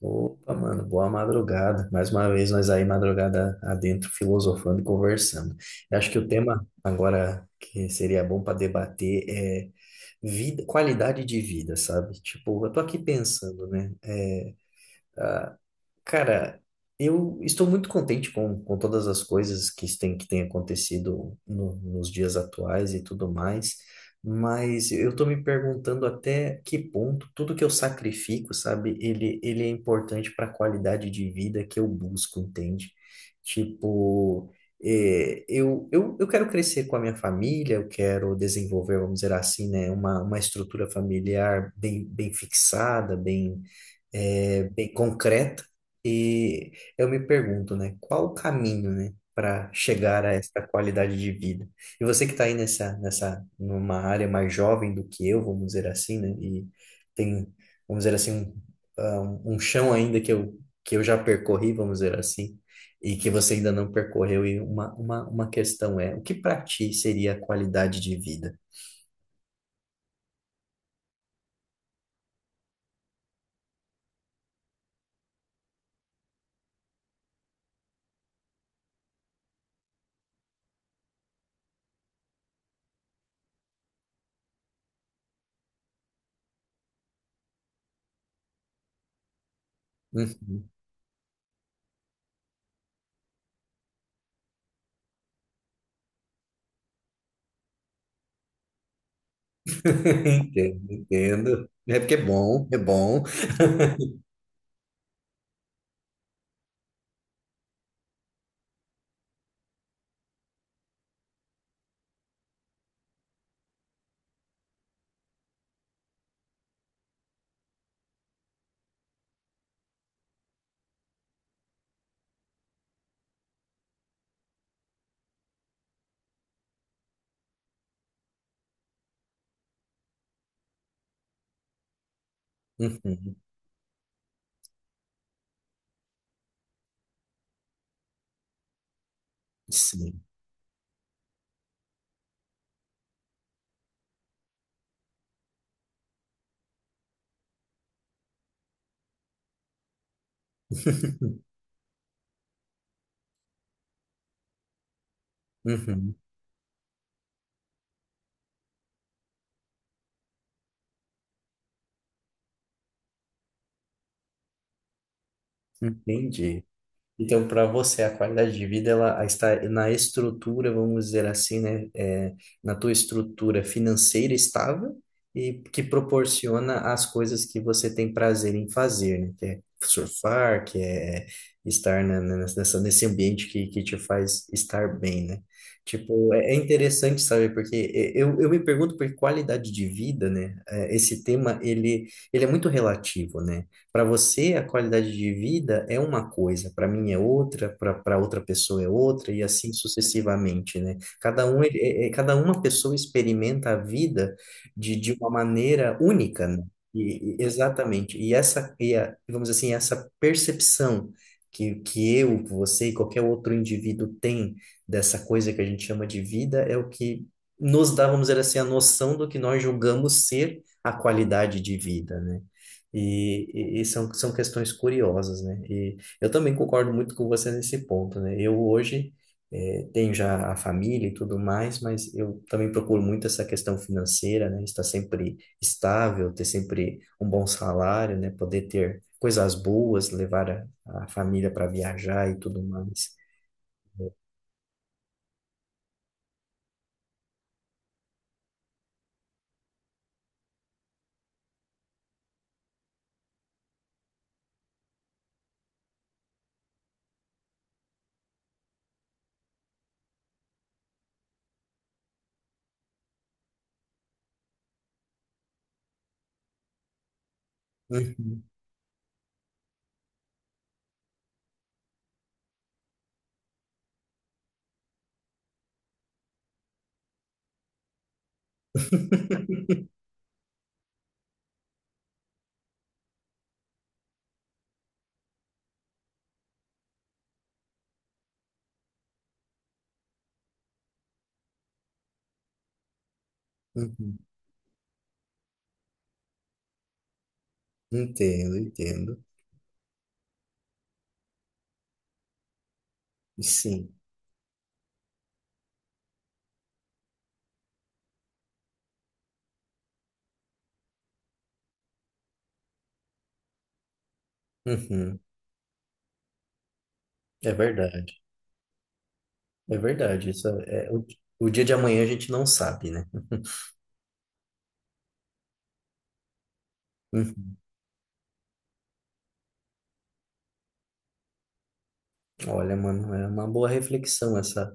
Opa, mano, boa madrugada. Mais uma vez nós aí madrugada adentro filosofando e conversando. Eu acho que o tema agora que seria bom para debater é vida, qualidade de vida, sabe? Tipo, eu tô aqui pensando, né? Cara, eu estou muito contente com todas as coisas que têm acontecido nos dias atuais e tudo mais, mas eu estou me perguntando até que ponto tudo que eu sacrifico, sabe, ele é importante para a qualidade de vida que eu busco, entende? Tipo, eu quero crescer com a minha família, eu quero desenvolver, vamos dizer assim, né, uma estrutura familiar bem fixada, é bem concreta e eu me pergunto, né, qual o caminho, né, para chegar a essa qualidade de vida? E você que está aí numa área mais jovem do que eu, vamos dizer assim, né, e tem, vamos dizer assim, um, um chão ainda que eu já percorri, vamos dizer assim, e que você ainda não percorreu, e uma questão é, o que para ti seria a qualidade de vida? Uhum. Entendo, entendo. É porque é bom, é bom. Uhum. Sim. Uhum, entendi. Então, para você, a qualidade de vida ela está na estrutura, vamos dizer assim, né? É, na tua estrutura financeira estável e que proporciona as coisas que você tem prazer em fazer, né? Que é surfar, que é estar nessa, nesse ambiente que te faz estar bem, né? Tipo, é interessante, sabe? Porque eu me pergunto por qualidade de vida, né? É, esse tema, ele é muito relativo, né? Para você, a qualidade de vida é uma coisa, para mim é outra, para outra pessoa é outra, e assim sucessivamente, né? Cada um, cada uma pessoa experimenta a vida de uma maneira única, né? Exatamente. E essa, vamos dizer assim, essa percepção que eu, você e qualquer outro indivíduo tem dessa coisa que a gente chama de vida é o que nos dá, vamos dizer assim, a noção do que nós julgamos ser a qualidade de vida, né? E, e são, são questões curiosas, né? E eu também concordo muito com você nesse ponto, né? Eu hoje tenho já a família e tudo mais, mas eu também procuro muito essa questão financeira, né? Estar sempre estável, ter sempre um bom salário, né? Poder ter coisas boas, levar a família para viajar e tudo mais. Uhum. Uhum. Entendo, entendo. Sim. Uhum. É verdade. É verdade, o dia de amanhã a gente não sabe, né? Hum, olha, mano, é uma boa reflexão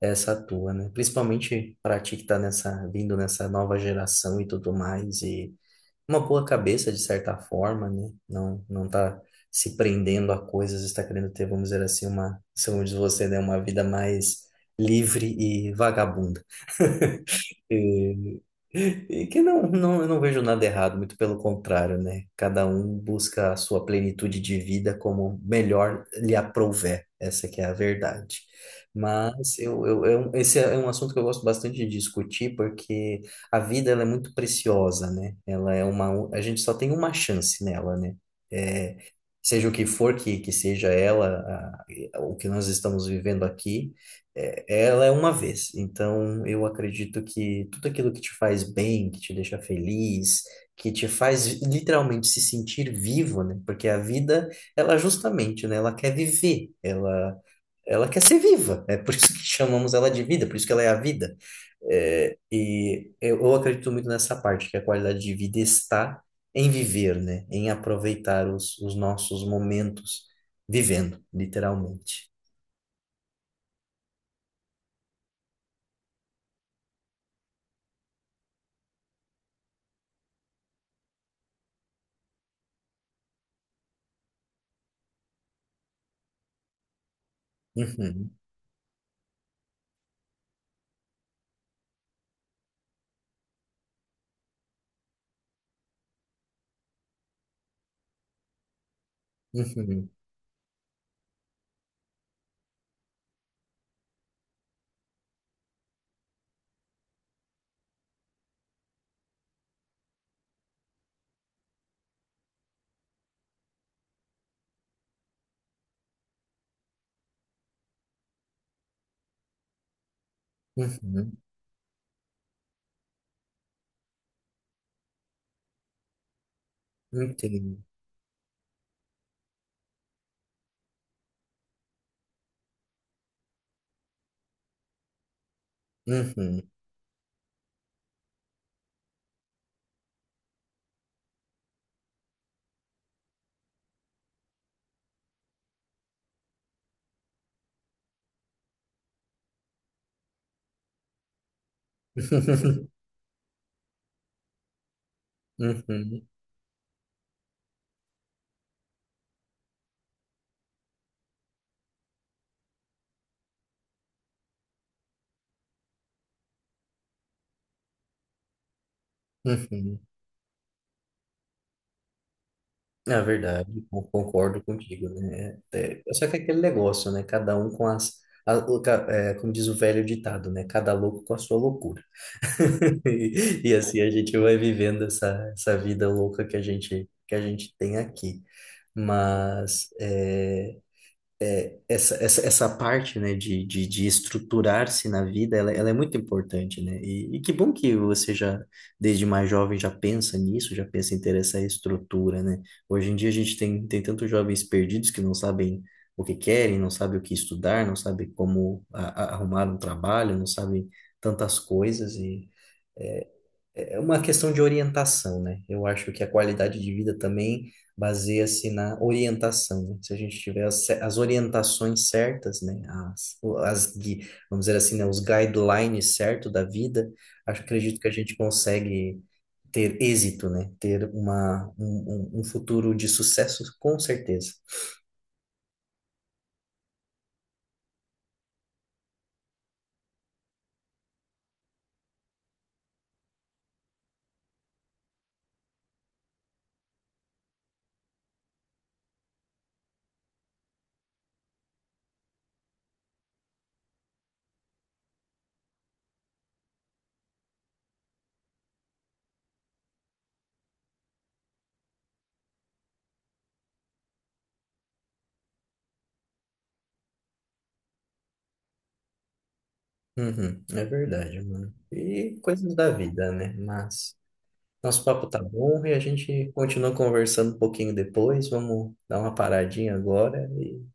essa tua, né? Principalmente para ti que tá nessa vindo nessa nova geração e tudo mais e uma boa cabeça de certa forma, né? Não tá se prendendo a coisas, está querendo ter, vamos dizer assim, uma, segundo diz você, né, uma vida mais livre e vagabunda. E que não, eu não vejo nada errado, muito pelo contrário, né? Cada um busca a sua plenitude de vida como melhor lhe aprouver, essa que é a verdade. Mas esse é um assunto que eu gosto bastante de discutir, porque a vida ela é muito preciosa, né? Ela é uma, a gente só tem uma chance nela, né? É, seja o que for que seja ela, o que nós estamos vivendo aqui. É, ela é uma vez, então eu acredito que tudo aquilo que te faz bem, que te deixa feliz, que te faz literalmente se sentir vivo, né? Porque a vida, ela justamente, né? Ela quer viver, ela quer ser viva, é por isso que chamamos ela de vida, por isso que ela é a vida. É, e eu acredito muito nessa parte, que a qualidade de vida está em viver, né? Em aproveitar os nossos momentos vivendo, literalmente. Uhum, uhum. Uhum, entendo. Uhum. Uhum, uhum. Na verdade, eu concordo contigo, né? É, só que é aquele negócio, né? Cada um com as, é, como diz o velho ditado, né? Cada louco com a sua loucura. E, e assim a gente vai vivendo essa vida louca que a gente tem aqui. Mas é, essa parte, né, de estruturar-se na vida, ela é muito importante, né? E que bom que você já, desde mais jovem, já pensa nisso, já pensa em ter essa estrutura, né? Hoje em dia a gente tem tantos jovens perdidos que não sabem o que querem, não sabem o que estudar, não sabem como arrumar um trabalho, não sabem tantas coisas e é, é uma questão de orientação, né? Eu acho que a qualidade de vida também baseia-se na orientação, né? Se a gente tiver as orientações certas, né? As, o- as, gui- Vamos dizer assim, né? Os guidelines certos da vida, acho, acredito que a gente consegue ter êxito, né? Ter uma, um futuro de sucesso, com certeza. Uhum, é verdade, mano. E coisas da vida, né? Mas. Nosso papo tá bom e a gente continua conversando um pouquinho depois. Vamos dar uma paradinha agora.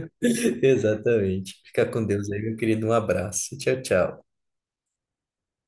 Exatamente. Fica com Deus aí, meu querido. Um abraço. Tchau, tchau.